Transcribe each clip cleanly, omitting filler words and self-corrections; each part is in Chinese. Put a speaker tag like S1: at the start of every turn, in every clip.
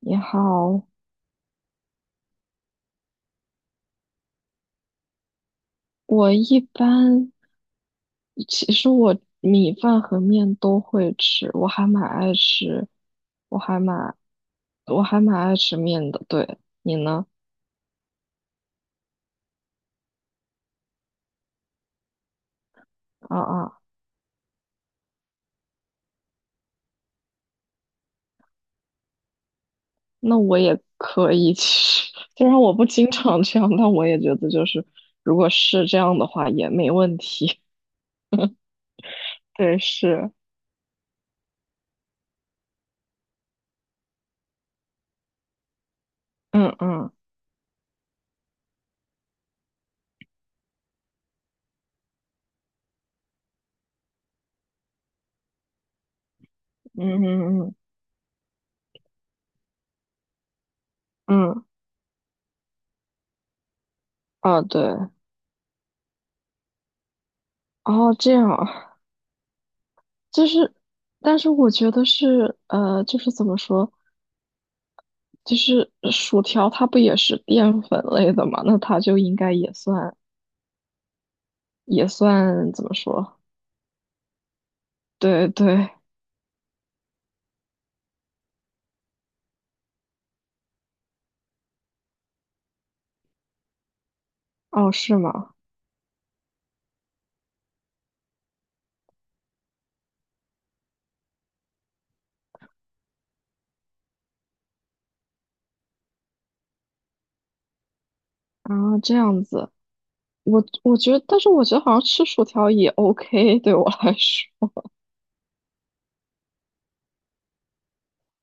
S1: 你好，我一般其实我米饭和面都会吃，我还蛮爱吃，我还蛮我还蛮爱吃面的。对，你呢？啊啊，那我也可以。其实 虽然我不经常这样，但我也觉得就是如果是这样的话也没问题。对，是，嗯嗯嗯嗯嗯嗯，啊对，哦这样，就是，但是我觉得是，就是怎么说，就是薯条它不也是淀粉类的嘛？那它就应该也算，也算怎么说？对对，哦，是吗？啊，这样子，我觉得，但是我觉得好像吃薯条也 OK,对我来说。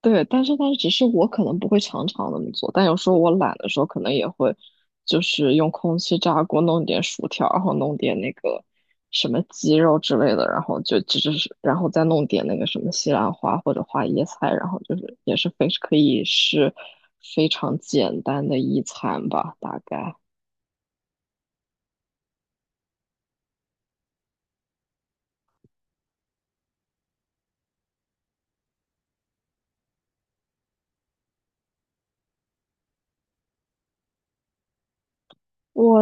S1: 对，但是只是我可能不会常常那么做，但有时候我懒的时候，可能也会就是用空气炸锅弄点薯条，然后弄点那个什么鸡肉之类的，然后就只是然后再弄点那个什么西兰花或者花椰菜，然后就是也是非可以是非常简单的一餐吧，大概我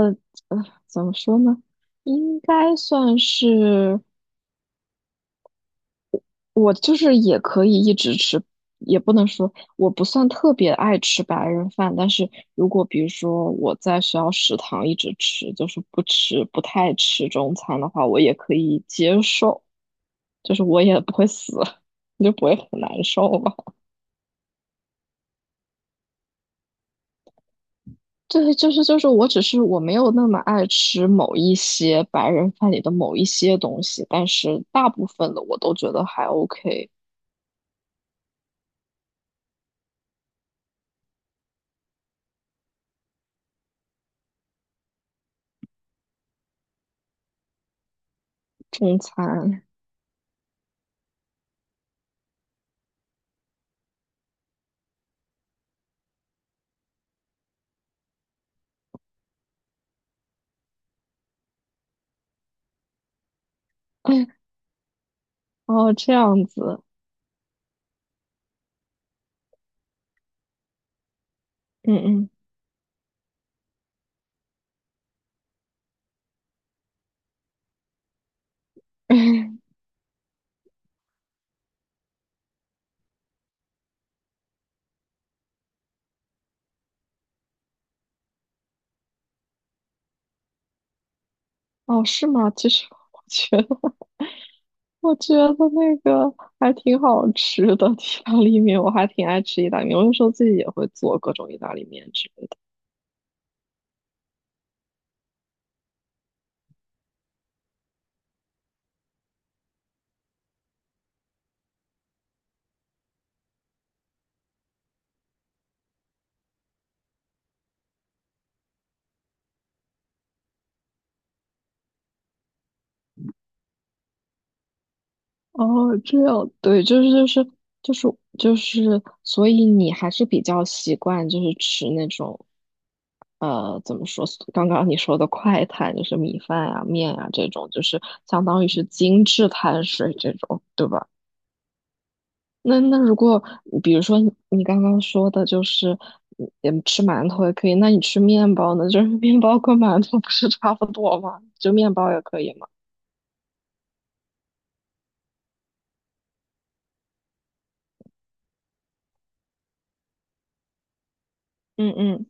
S1: 呃怎么说呢，应该算是。我就是也可以一直吃，也不能说我不算特别爱吃白人饭，但是如果比如说我在学校食堂一直吃，就是不太吃中餐的话，我也可以接受，就是我也不会死，就不会很难受吧。对，就是，我只是我没有那么爱吃某一些白人饭里的某一些东西，但是大部分的我都觉得还 OK。中餐，哦，这样子，嗯嗯。哦，是吗？其实我觉得，那个还挺好吃的意大利面，我还挺爱吃意大利面。我有时候自己也会做各种意大利面之类的。哦，这样，对，就是就是，所以你还是比较习惯就是吃那种，呃，怎么说？刚刚你说的快餐，就是米饭啊、面啊这种，就是相当于是精致碳水这种，对吧？那如果比如说你刚刚说的就是吃馒头也可以，那你吃面包呢？就是面包跟馒头不是差不多吗？就面包也可以吗？嗯嗯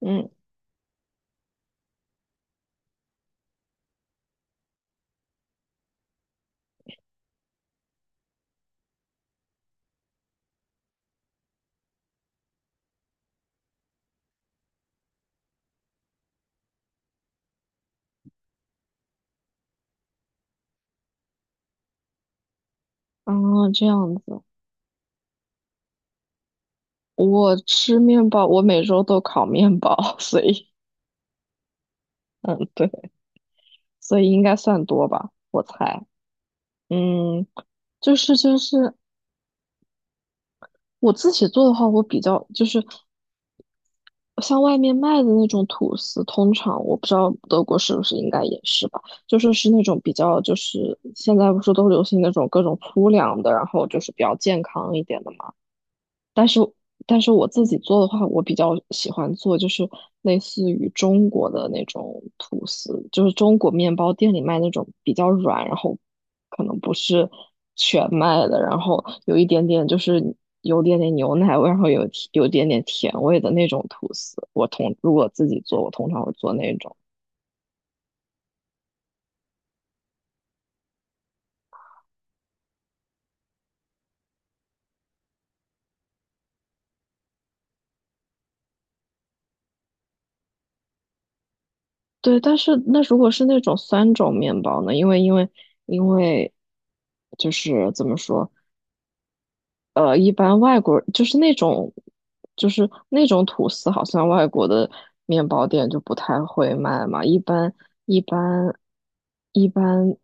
S1: 嗯，哦，这样子。我吃面包，我每周都烤面包，所以嗯，对，所以应该算多吧，我猜。嗯，就是我自己做的话，我比较就是。像外面卖的那种吐司，通常我不知道德国是不是应该也是吧，就是是那种比较就是现在不是都流行那种各种粗粮的，然后就是比较健康一点的嘛。但是但是我自己做的话，我比较喜欢做就是类似于中国的那种吐司，就是中国面包店里卖那种比较软，然后可能不是全麦的，然后有一点点就是有点点牛奶味，然后有点点甜味的那种吐司。我通如果自己做，我通常会做那种。对，但是那如果是那种酸种面包呢？因为因为就是怎么说，呃，一般外国就是那种，就是那种吐司，好像外国的面包店就不太会卖嘛。一般一般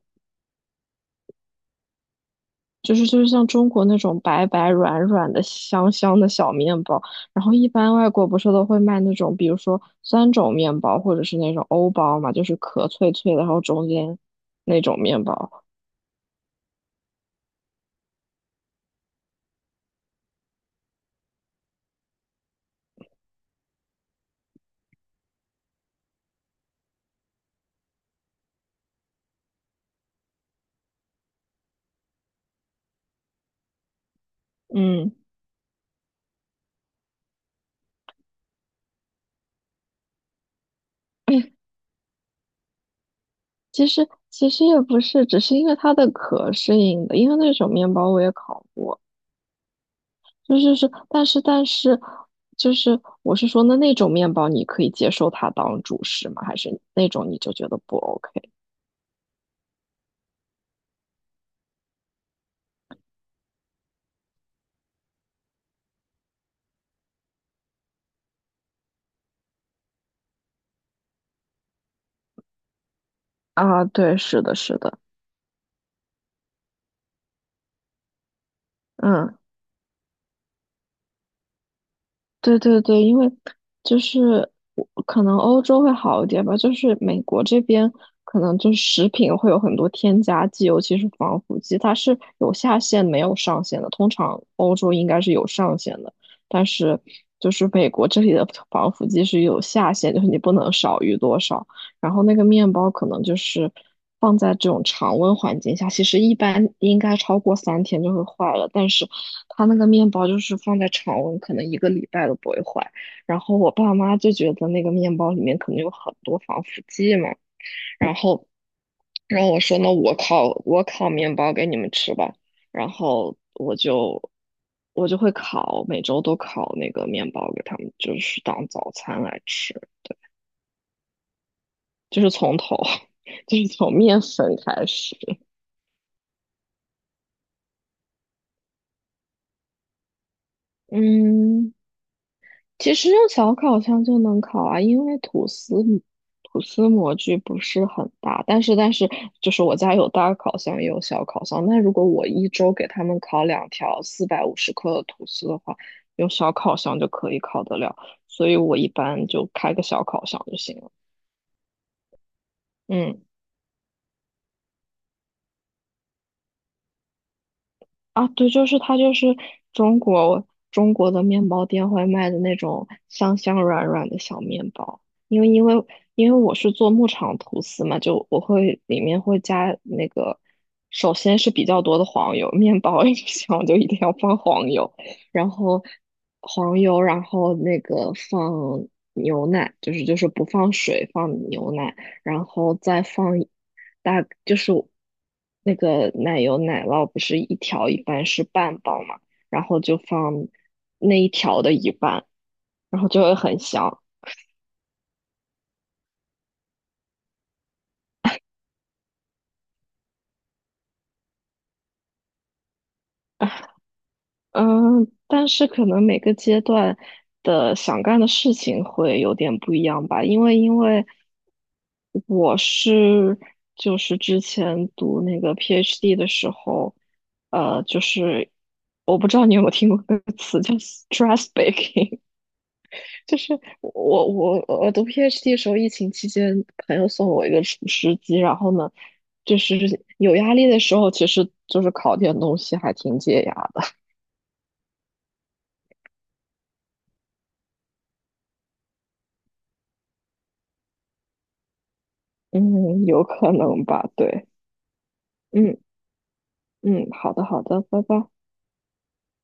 S1: 就是像中国那种白白软软的香香的小面包，然后一般外国不是都会卖那种，比如说酸种面包或者是那种欧包嘛，就是壳脆脆的，然后中间那种面包。嗯，其实也不是，只是因为它的壳是硬的，因为那种面包我也烤过。就是，但是，就是我是说，那那种面包你可以接受它当主食吗？还是那种你就觉得不 OK 啊？对，是的，是的，嗯。对对对，因为就是我可能欧洲会好一点吧，就是美国这边可能就是食品会有很多添加剂，尤其是防腐剂，它是有下限没有上限的。通常欧洲应该是有上限的，但是就是美国这里的防腐剂是有下限，就是你不能少于多少。然后那个面包可能就是放在这种常温环境下，其实一般应该超过3天就会坏了，但是它那个面包就是放在常温，可能一个礼拜都不会坏。然后我爸妈就觉得那个面包里面可能有很多防腐剂嘛，然后，然后我说那我烤面包给你们吃吧。然后我就会烤，每周都烤那个面包给他们，就是当早餐来吃，就是从头，就是从面粉开始。嗯。其实用小烤箱就能烤啊，因为吐司模具不是很大，但是就是我家有大烤箱也有小烤箱，那如果我一周给他们烤两条450克的吐司的话，用小烤箱就可以烤得了，所以我一般就开个小烤箱就行了。嗯。啊，对，就是它，就是中国的面包店会卖的那种香香软软的小面包。因为因为我是做牧场吐司嘛，就我会里面会加那个，首先是比较多的黄油，面包一想就一定要放黄油，然后黄油，然后那个放牛奶，就是不放水，放牛奶。然后再放一大就是那个奶油奶酪不是一条一般是半包嘛，然后就放那一条的一半，然后就会很香。嗯，但是可能每个阶段的想干的事情会有点不一样吧，因为我是就是之前读那个 PhD 的时候，呃，就是我不知道你有没有听过那个词叫 stress baking,就是我读 PhD 的时候，疫情期间，朋友送我一个厨师机，然后呢，就是有压力的时候，其实就是烤点东西还挺解压的。嗯，有可能吧，对，嗯嗯，好的好的，拜拜。